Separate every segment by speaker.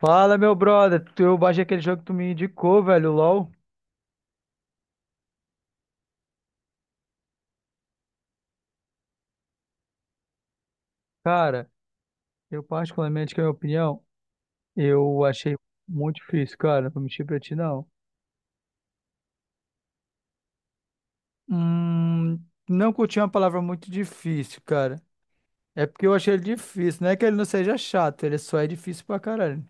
Speaker 1: Fala, meu brother. Eu baixei aquele jogo que tu me indicou, velho, o LoL. Cara, eu particularmente, que é a minha opinião, eu achei muito difícil, cara. Não vou mentir pra ti, não. Hum, não curti uma palavra muito difícil, cara. É porque eu achei ele difícil. Não é que ele não seja chato, ele só é difícil pra caralho.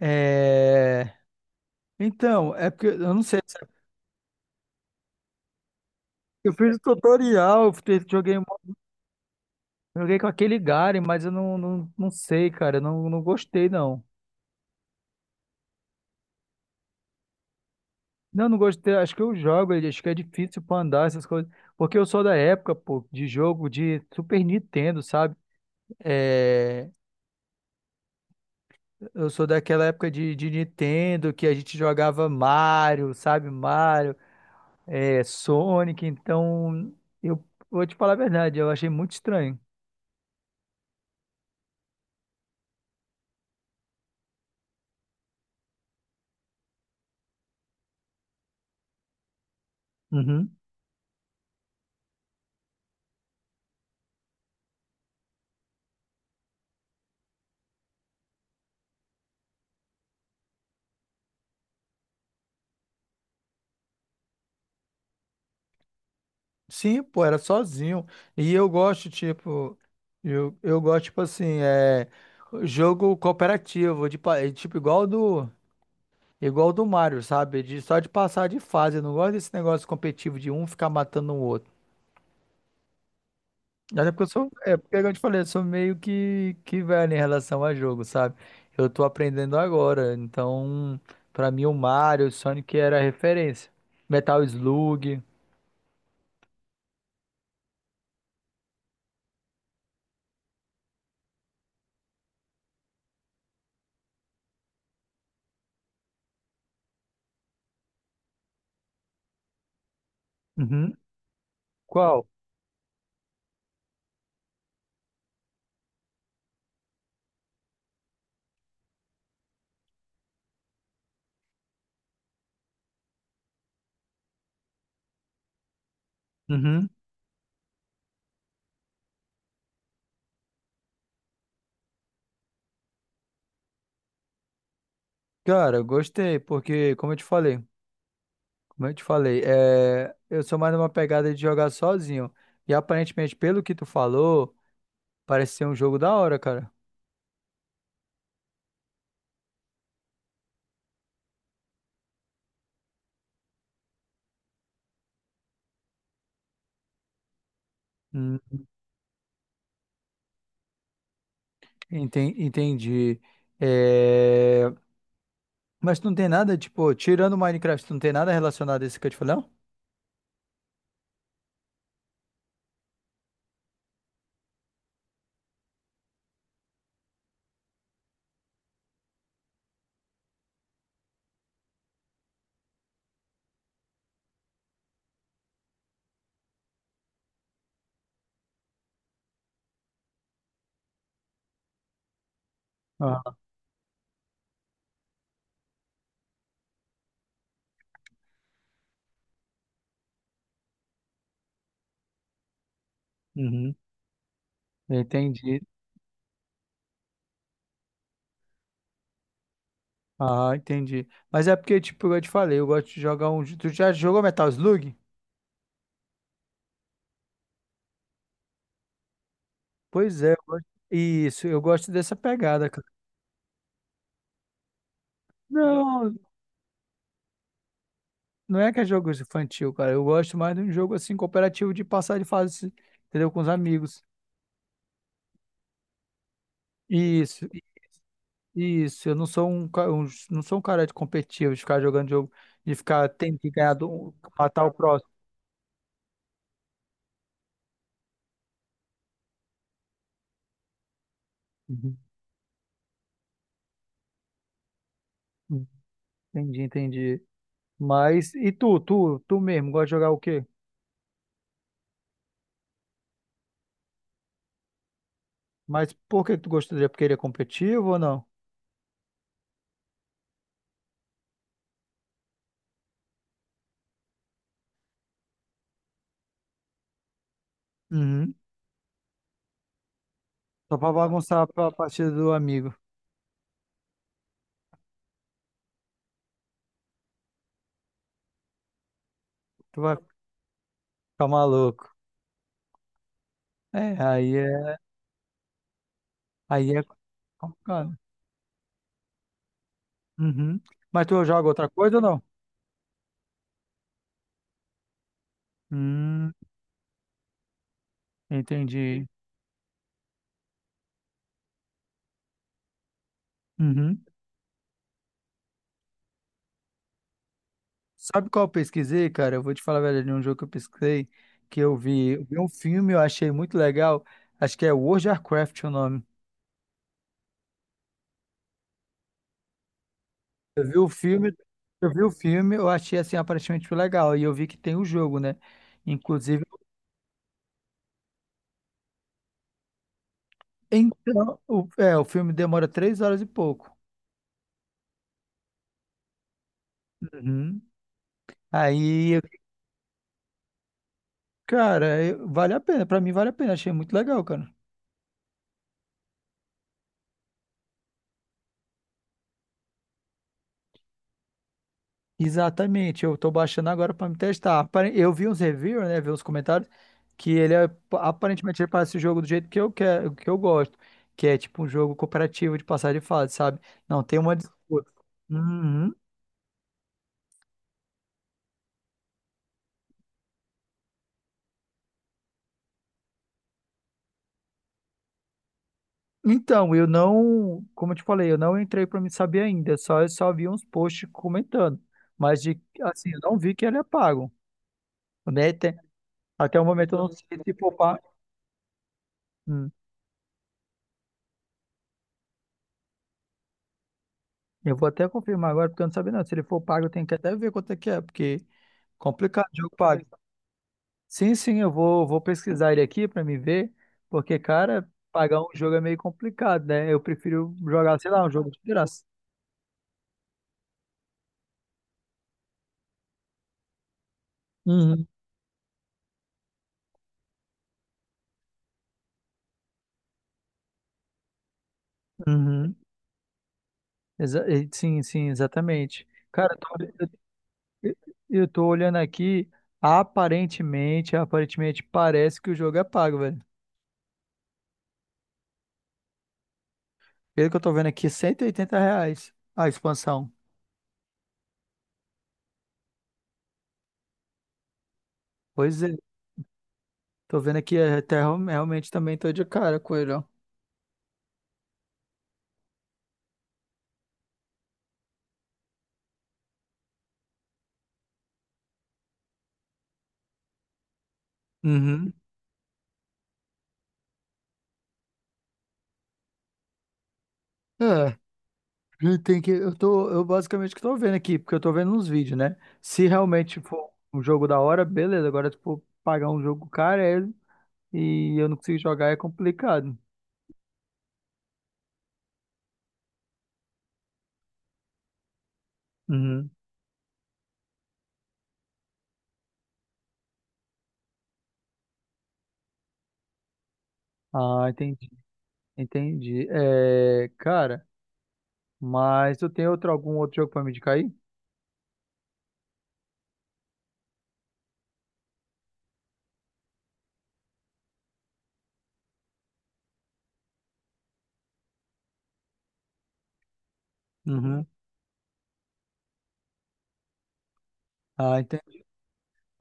Speaker 1: É... Então, é porque eu não sei. Eu fiz o tutorial, joguei, joguei com aquele Garen, mas eu não sei, cara. Eu não gostei, não. Não, não gostei. Acho que eu jogo ele. Acho que é difícil pra andar essas coisas. Porque eu sou da época, pô, de jogo de Super Nintendo, sabe? É, eu sou daquela época de Nintendo que a gente jogava Mario, sabe? Mario, é, Sonic. Então, eu vou te falar a verdade, eu achei muito estranho. Uhum. Sim, pô, era sozinho. E eu gosto, tipo, eu gosto, tipo assim, é, jogo cooperativo, tipo, igual do. Igual o do Mario, sabe? De, só de passar de fase. Eu não gosto desse negócio competitivo de um ficar matando o outro. Até porque eu sou, é, porque como eu te falei, eu sou meio que velho em relação a jogo, sabe? Eu tô aprendendo agora. Então, pra mim, o Mario, o Sonic era a referência. Metal Slug. Uhum. Qual? Uhum. Cara, eu gostei, porque, como eu te falei, é, eu sou mais numa pegada de jogar sozinho. E aparentemente, pelo que tu falou, parece ser um jogo da hora, cara. Entendi. É, mas tu não tem nada, tipo, tirando o Minecraft, tu não tem nada relacionado a esse que eu te falei, não? Ah, uhum. Entendi. Ah, entendi. Mas é porque, tipo, eu te falei, eu gosto de jogar um. Tu já jogou Metal Slug? Pois é, eu gosto- isso, eu gosto dessa pegada, cara. Não, não é que é jogo infantil, cara. Eu gosto mais de um jogo assim, cooperativo de passar de fase, entendeu? Com os amigos. Isso, Isso, eu não sou não sou um cara de competitivo, de ficar jogando jogo, de ficar tendo que ganhar do, matar o próximo. Uhum, uhum. Entendi, entendi. Mas e tu, tu mesmo, gosta de jogar o quê? Mas por que que tu gostaria? Porque ele é competitivo ou não? Uhum. Só pra bagunçar a partida do amigo. Tu vai ficar maluco. É, aí é, aí é complicado. Uhum. Mas tu joga outra coisa ou não? Hum, entendi. Uhum. Sabe qual eu pesquisei, cara? Eu vou te falar, velho, de um jogo que eu pesquisei, que eu vi um filme, eu achei muito legal. Acho que é World of Warcraft o nome. Eu vi o filme, eu vi o filme, eu achei assim aparentemente legal. E eu vi que tem o jogo, né? Inclusive, então, o filme demora 3 horas e pouco. Uhum. Aí, vale a pena. Pra mim vale a pena. Achei muito legal, cara. Exatamente, eu tô baixando agora para me testar. Eu vi uns reviews, né, vi uns comentários aparentemente ele parece o jogo do jeito que eu quero, que eu gosto, que é tipo um jogo cooperativo de passar de fase, sabe? Não tem uma disputa. Uhum. Então, eu não, como eu te falei, eu não entrei para me saber ainda, só eu só vi uns posts comentando, mas de assim, eu não vi que ele é pago, né? Tem- Até o momento eu não sei se for pago. Eu vou até confirmar agora, porque eu não sabia não. Se ele for pago, eu tenho que até ver quanto é que é, porque complicado, jogo pago. Sim, sim, vou pesquisar ele aqui para me ver, porque, cara, pagar um jogo é meio complicado, né? Eu prefiro jogar, sei lá, um jogo de graça. Uhum, uhum. Sim, sim, exatamente. Cara, eu, eu tô olhando aqui, aparentemente parece que o jogo é pago, velho. Pelo que eu tô vendo aqui, R$ 180 a expansão. Pois é. Tô vendo aqui, é, realmente também tô de cara com ele, ó. Uhum. É, ele tem que, eu tô, eu basicamente que tô vendo aqui, porque eu tô vendo uns vídeos, né? Se realmente for um jogo da hora, beleza. Agora, se for pagar um jogo caro é- e eu não consigo jogar, é complicado. Uhum. Ah, entendi, entendi. É, cara, mas tu tem outro, algum outro jogo pra me indicar aí? Uhum. Ah, entendi.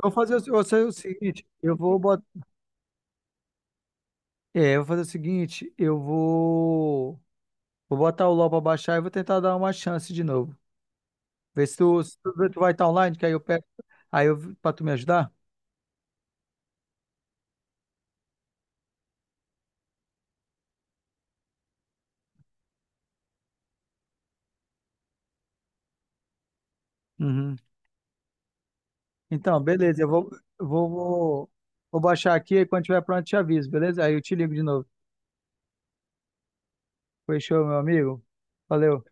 Speaker 1: Eu vou fazer o, eu sei o seguinte, eu vou botar, é, eu vou fazer o seguinte, eu vou Vou botar o LOL pra baixar e vou tentar dar uma chance de novo. Ver se tu, tu vai estar online, que aí eu pego. Aí eu, pra tu me ajudar? Uhum. Então, beleza, eu vou, vou, vou, vou baixar aqui e quando tiver pronto eu te aviso, beleza? Aí eu te ligo de novo. Fechou, meu amigo? Valeu.